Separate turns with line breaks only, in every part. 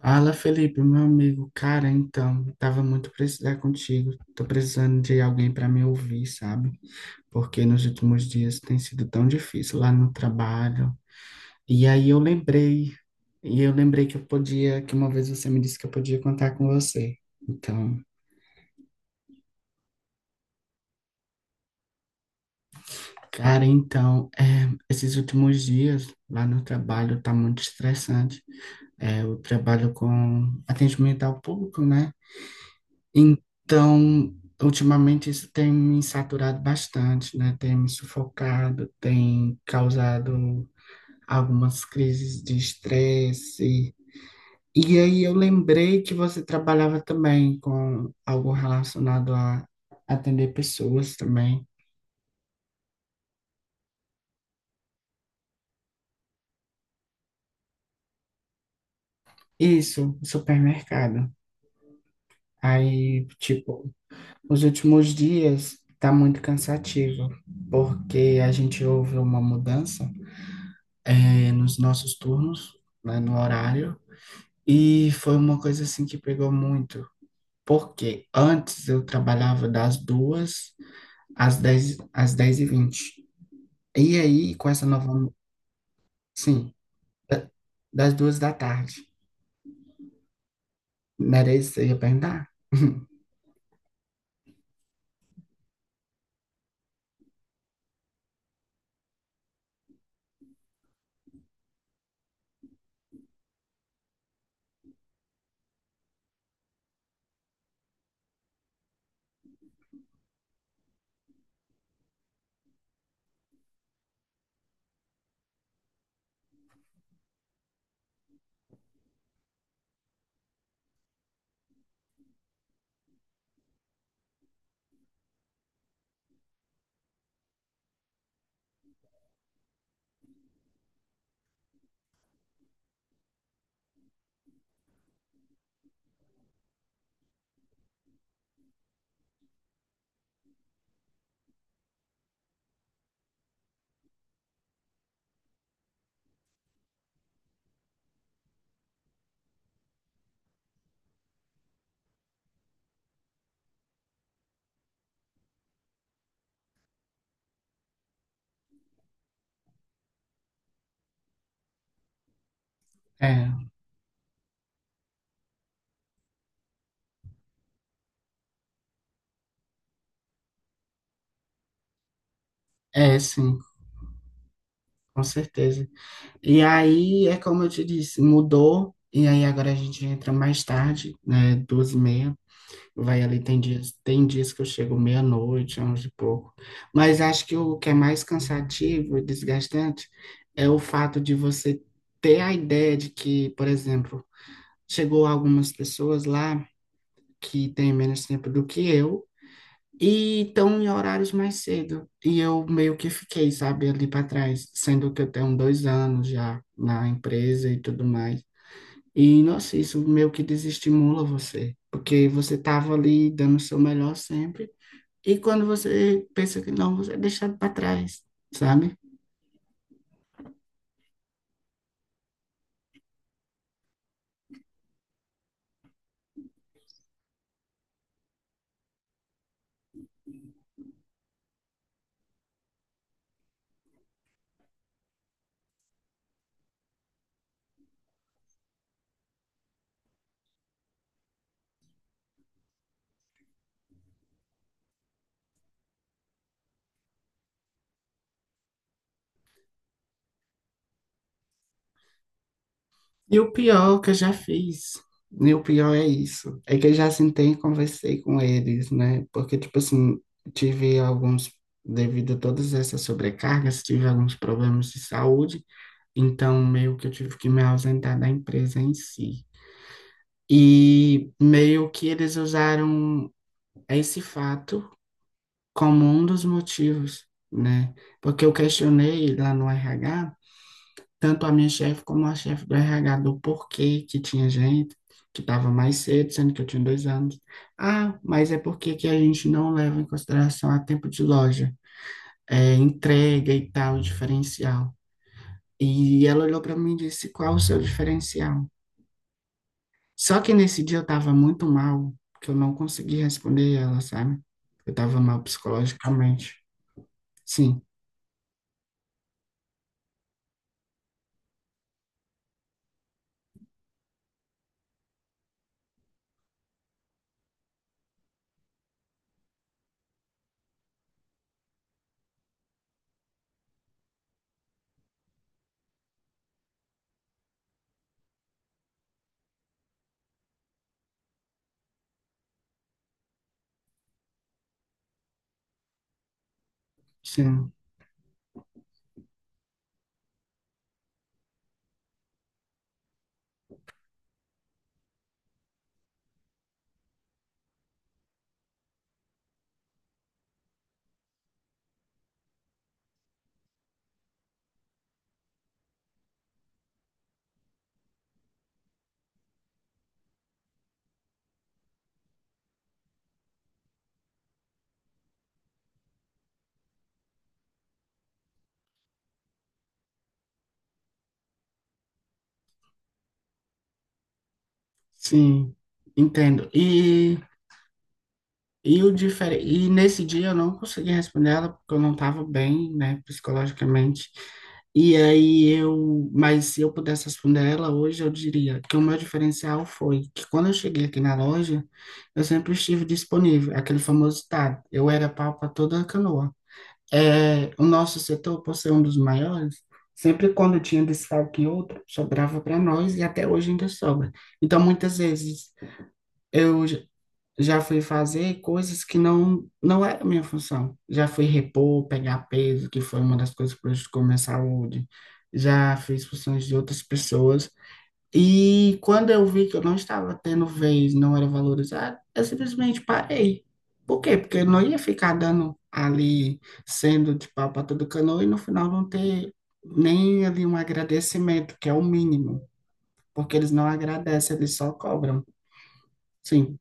Fala, Felipe, meu amigo. Cara, então, tava muito precisando contigo. Tô precisando de alguém para me ouvir, sabe? Porque nos últimos dias tem sido tão difícil lá no trabalho. E aí eu lembrei, e eu lembrei que que uma vez você me disse que eu podia contar com você. Então, cara, então, esses últimos dias lá no trabalho tá muito estressante. Eu trabalho com atendimento ao público, né? Então, ultimamente isso tem me saturado bastante, né? Tem me sufocado, tem causado algumas crises de estresse. E aí eu lembrei que você trabalhava também com algo relacionado a atender pessoas também. Isso, supermercado. Aí, tipo, os últimos dias tá muito cansativo, porque a gente houve uma mudança nos nossos turnos, né, no horário, e foi uma coisa assim que pegou muito, porque antes eu trabalhava das 2 às dez e vinte, e aí com essa nova, sim, da- das 2 da tarde. Não era isso que você ia perguntar? É, sim, com certeza. E aí é como eu te disse, mudou, e aí agora a gente entra mais tarde, né, 12:30. Vai ali, tem dias que eu chego meia-noite, 11 e pouco. Mas acho que o que é mais cansativo e desgastante é o fato de você ter a ideia de que, por exemplo, chegou algumas pessoas lá que têm menos tempo do que eu e estão em horários mais cedo. E eu meio que fiquei, sabe, ali para trás, sendo que eu tenho 2 anos já na empresa e tudo mais. E, nossa, isso meio que desestimula você, porque você estava ali dando o seu melhor sempre, e quando você pensa que não, você é deixado para trás, sabe? E o pior que eu já fiz, e o pior é isso, é que eu já sentei e conversei com eles, né? Porque, tipo assim, tive alguns, devido a todas essas sobrecargas, tive alguns problemas de saúde, então meio que eu tive que me ausentar da empresa em si. E meio que eles usaram esse fato como um dos motivos, né? Porque eu questionei lá no RH tanto a minha chefe como a chefe do RH do porquê que tinha gente que estava mais cedo, sendo que eu tinha 2 anos. Ah, mas é porque que a gente não leva em consideração a tempo de loja, entrega e tal, diferencial. E ela olhou para mim e disse, qual o seu diferencial? Só que nesse dia eu estava muito mal, que eu não consegui responder ela, sabe? Eu estava mal psicologicamente. Sim, sim, sim, entendo. E nesse dia eu não consegui responder ela porque eu não estava bem, né, psicologicamente. Mas se eu pudesse responder ela hoje, eu diria que o meu diferencial foi que quando eu cheguei aqui na loja, eu sempre estive disponível, aquele famoso ditado, eu era pau para toda canoa. O nosso setor, por ser um dos maiores, sempre quando tinha desfalque em outro, sobrava para nós, e até hoje ainda sobra. Então, muitas vezes eu já fui fazer coisas que não era minha função. Já fui repor, pegar peso, que foi uma das coisas que prejudicou minha saúde. Já fiz funções de outras pessoas. E quando eu vi que eu não estava tendo vez, não era valorizado, eu simplesmente parei. Por quê? Porque eu não ia ficar dando ali, sendo de pau para todo canoa e no final não ter nem ali um agradecimento, que é o mínimo, porque eles não agradecem, eles só cobram. Sim,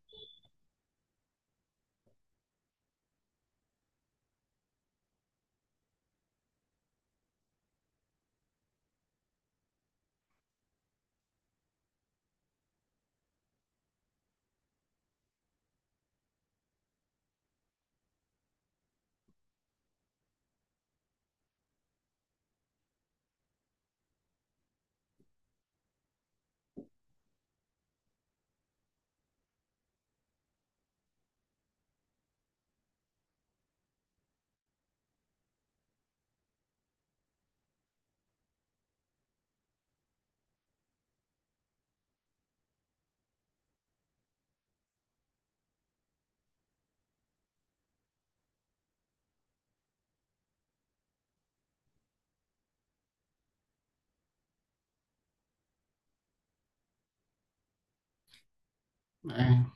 é,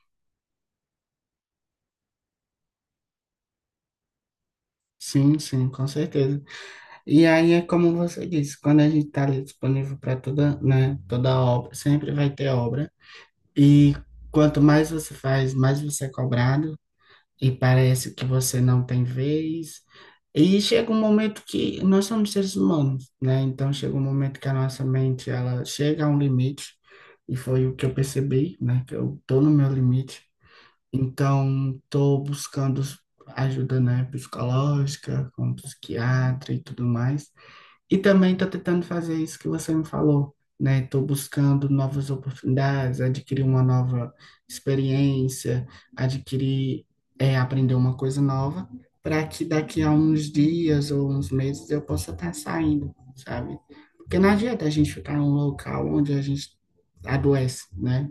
sim, sim, com certeza. E aí é como você disse, quando a gente está ali disponível para toda, né, toda obra, sempre vai ter obra. E quanto mais você faz, mais você é cobrado, e parece que você não tem vez. E chega um momento que nós somos seres humanos, né? Então chega um momento que a nossa mente, ela chega a um limite, e foi o que eu percebi, né? Que eu tô no meu limite. Então, estou buscando ajuda, né, psicológica, com psiquiatra e tudo mais. E também estou tentando fazer isso que você me falou, né? Estou buscando novas oportunidades, adquirir uma nova experiência, adquirir, aprender uma coisa nova, para que daqui a uns dias ou uns meses eu possa estar saindo, sabe? Porque não adianta a gente ficar em um local onde a gente adoece, né?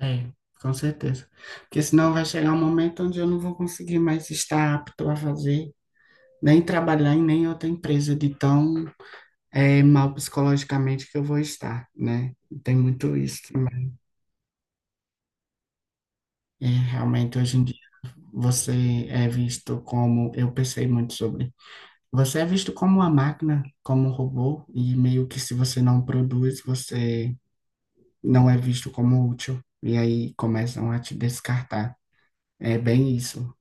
É, com certeza. Porque senão vai chegar um momento onde eu não vou conseguir mais estar apto a fazer, nem trabalhar em nem outra empresa de tão mal psicologicamente que eu vou estar, né? Tem muito isso também. E realmente hoje em dia você é visto como, eu pensei muito sobre, você é visto como uma máquina, como um robô, e meio que se você não produz, você não é visto como útil. E aí começam a te descartar. É bem isso.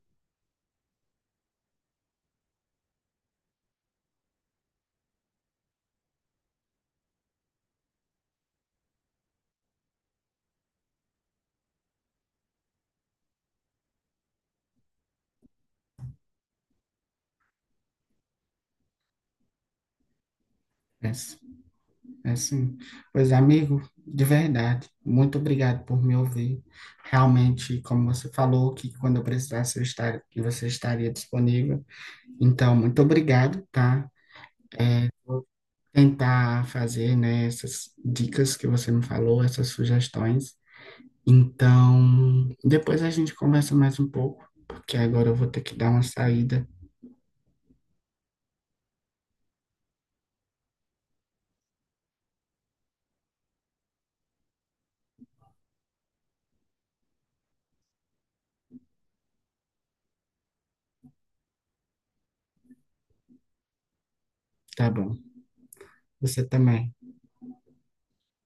Né? Assim, pois amigo, de verdade, muito obrigado por me ouvir. Realmente, como você falou, que quando eu precisasse eu estar, que você estaria disponível. Então, muito obrigado, tá? Tentar fazer, né, essas dicas que você me falou, essas sugestões. Então, depois a gente conversa mais um pouco, porque agora eu vou ter que dar uma saída, tá bom? Você também.